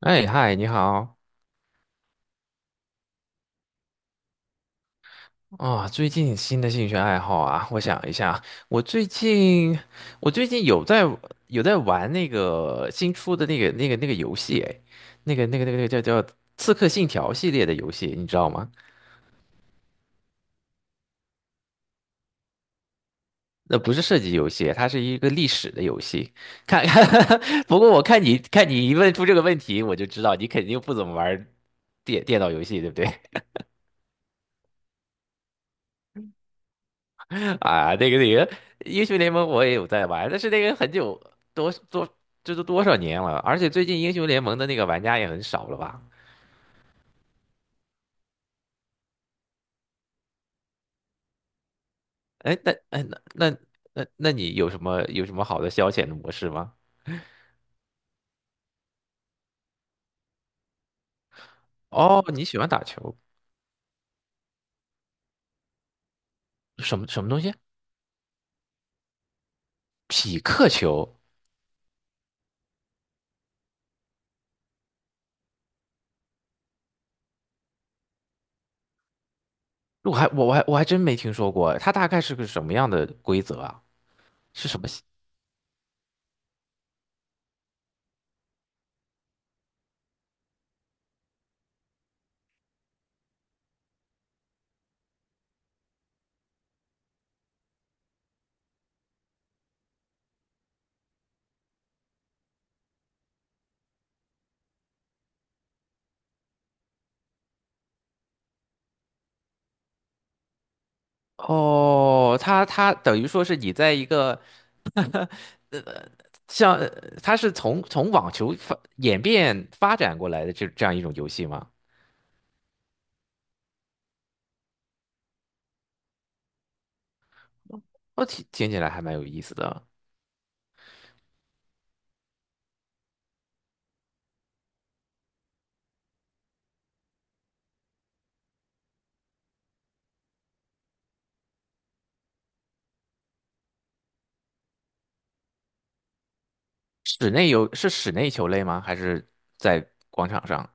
哎，嗨，你好啊！最近新的兴趣爱好啊，我想一下，我最近我最近有在玩那个新出的那个游戏，哎，那个叫《刺客信条》系列的游戏，你知道吗？那不是射击游戏，它是一个历史的游戏。看，不过我看你一问出这个问题，我就知道你肯定不怎么玩电脑游戏，对不对？啊，那个英雄联盟我也有在玩，但是那个很久多多这都多少年了，而且最近英雄联盟的那个玩家也很少了吧？哎，那你有什么好的消遣的模式吗？哦，你喜欢打球，什么什么东西？匹克球？我还真没听说过，它大概是个什么样的规则啊？是什么系哦，它等于说是你在一个像它是从网球发演变发展过来的这样一种游戏吗？哦，听起来还蛮有意思的。室内游是室内球类吗？还是在广场上？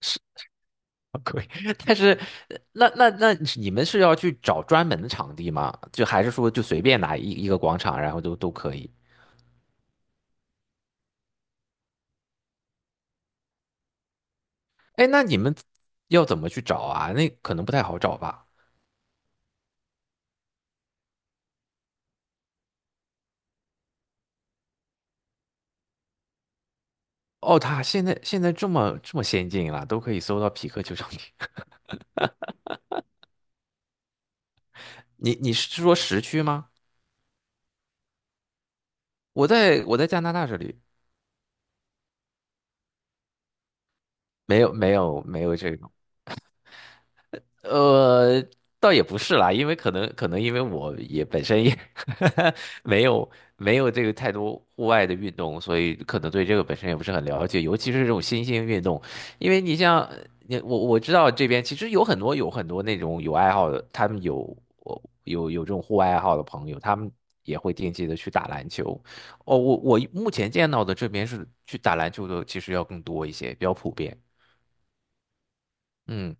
是，可以。但是那你们是要去找专门的场地吗？就还是说就随便拿一个广场，然后都可以？哎，那你们要怎么去找啊？那可能不太好找吧。哦，它现在这么先进了，都可以搜到匹克球场地。你是说时区吗？我在加拿大这里没有没有没有这种，呃，倒也不是啦，因为可能因为我也本身也 没有没有这个太多户外的运动，所以可能对这个本身也不是很了解，尤其是这种新兴运动，因为你像你我我知道这边其实有很多那种有爱好的，他们有我有这种户外爱好的朋友，他们也会定期的去打篮球。哦，我目前见到的这边是去打篮球的，其实要更多一些，比较普遍。嗯。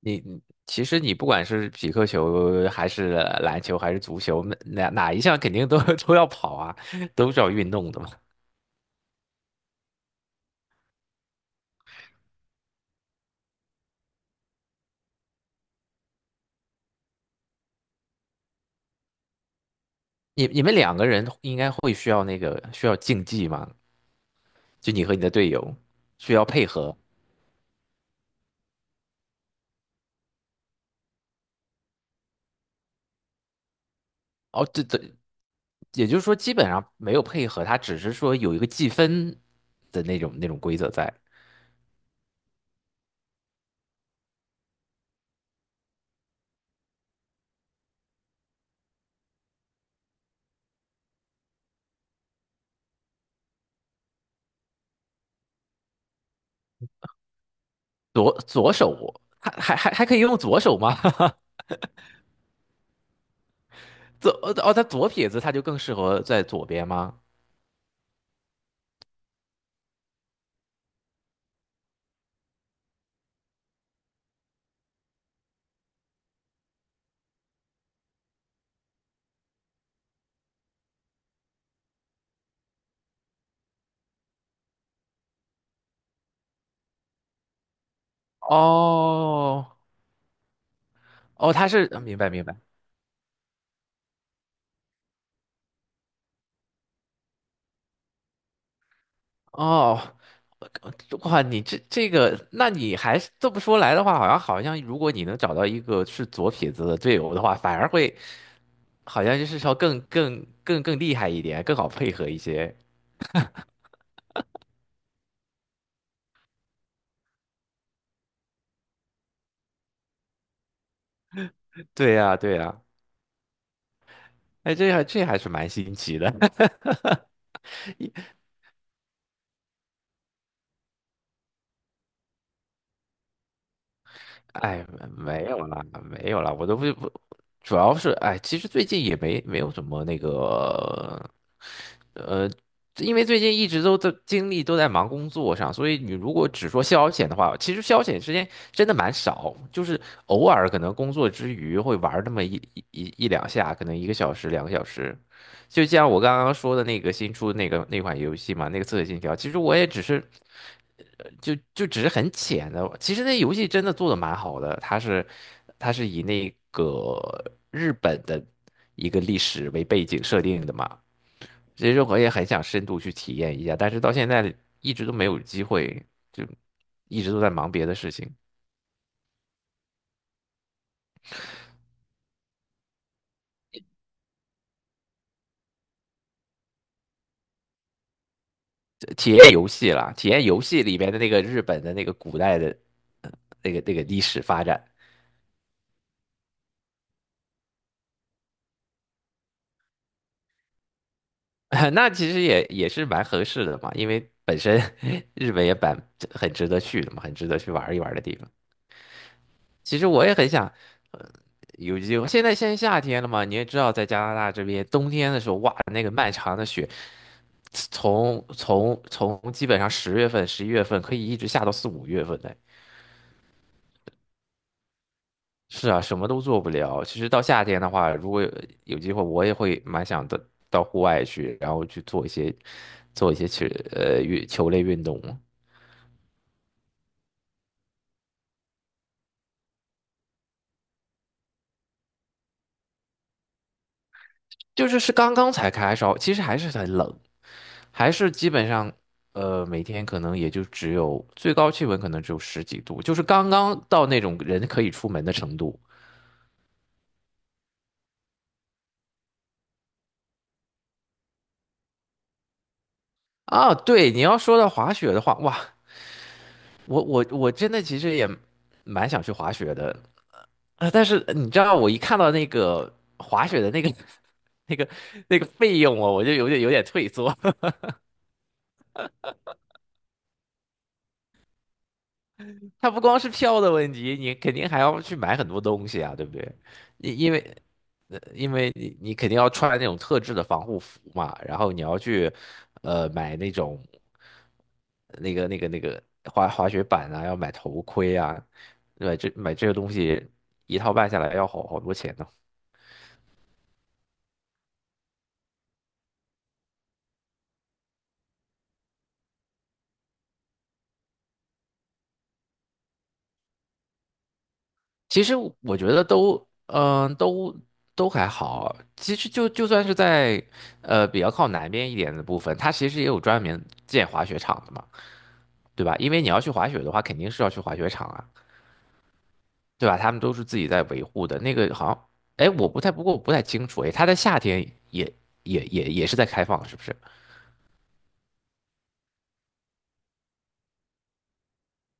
你你其实你不管是匹克球还是篮球还是足球，哪一项肯定都 都要跑啊，都是要运动的嘛。你们两个人应该会需要需要竞技嘛？就你和你的队友需要配合。哦，这也就是说基本上没有配合，他只是说有一个计分的那种规则在。左手还可以用左手吗？左哦，他左撇子他就更适合在左边吗？哦，哦，明白明白哦，呃哇，你这个，那你还是这么说来的话，好像，如果你能找到一个是左撇子的队友的话，反而会好像就是说更厉害一点，更好配合一些。对呀，对呀，哎，这还是蛮新奇的。哎，没有啦，没有啦，我都不，主要是哎，其实最近也没有什么那个，呃，因为最近一直都在精力都在忙工作上，所以你如果只说消遣的话，其实消遣时间真的蛮少，就是偶尔可能工作之余会玩儿那么一两下，可能1个小时、2个小时，就像我刚刚说的那个新出那款游戏嘛，那个《刺客信条》，其实我也只是，呃就就只是很浅的。其实那游戏真的做的蛮好的，它是以那个日本的一个历史为背景设定的嘛。其实我也很想深度去体验一下，但是到现在一直都没有机会，就一直都在忙别的事情。体验游戏啦，体验游戏里边的那个日本的那个古代的呃那个历史发展。那其实也是蛮合适的嘛，因为本身 日本也很值得去的嘛，很值得去玩一玩的地方。其实我也很想，呃，有机会。现在夏天了嘛，你也知道，在加拿大这边冬天的时候，哇，那个漫长的雪，从基本上10月份、11月份可以一直下到4、5月份的。是啊，什么都做不了。其实到夏天的话，如果有机会，我也会蛮想的到户外去，然后去做一些做一些球类运动。就是刚刚才开烧，其实还是很冷，还是基本上，每天可能也就只有最高气温可能只有十几度，就是刚刚到那种人可以出门的程度啊。对，你要说到滑雪的话，哇，我真的其实也蛮想去滑雪的啊，但是你知道，我一看到那个滑雪的那个 那个那个费用哦，我就有点退缩。它不光是票的问题，你肯定还要去买很多东西啊，对不对？因因为，因为你肯定要穿那种特制的防护服嘛，然后你要去，买那种那个滑雪板啊，要买头盔啊，对吧？这买这个东西一套办下来要好多钱呢。其实我觉得都，嗯、都都还好。其实就算是在比较靠南边一点的部分，它其实也有专门建滑雪场的嘛。对吧？因为你要去滑雪的话，肯定是要去滑雪场啊，对吧？他们都是自己在维护的。那个好像，哎，我不太，不过我不太清楚，哎，它在夏天也也是在开放，是不是？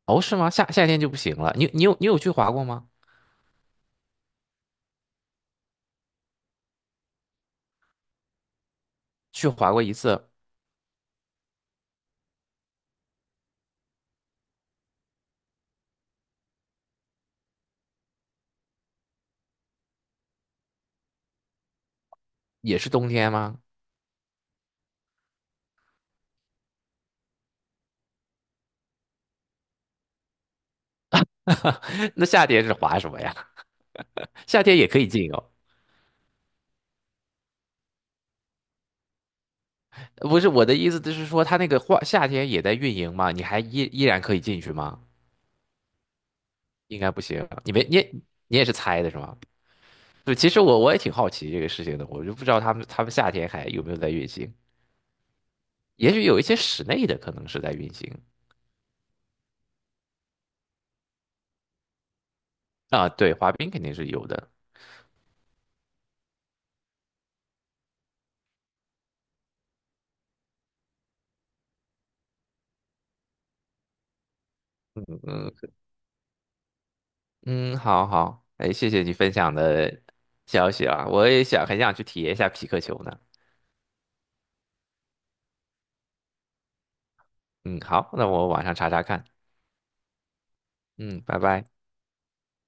哦，是吗？夏天就不行了。你有去滑过吗？去滑过一次，也是冬天吗？那夏天是滑什么呀？夏天也可以进哦。不是我的意思，就是说它那个花夏天也在运营吗？你还依然可以进去吗？应该不行，你没你也你也是猜的是吗？对，其实我也挺好奇这个事情的，我就不知道他们夏天还有没有在运行，也许有一些室内的可能是在运行啊，对，滑冰肯定是有的，嗯嗯嗯，好好，哎，谢谢你分享的消息啊，我也想很想去体验一下匹克球呢，嗯，好，那我晚上查查看，嗯，拜拜。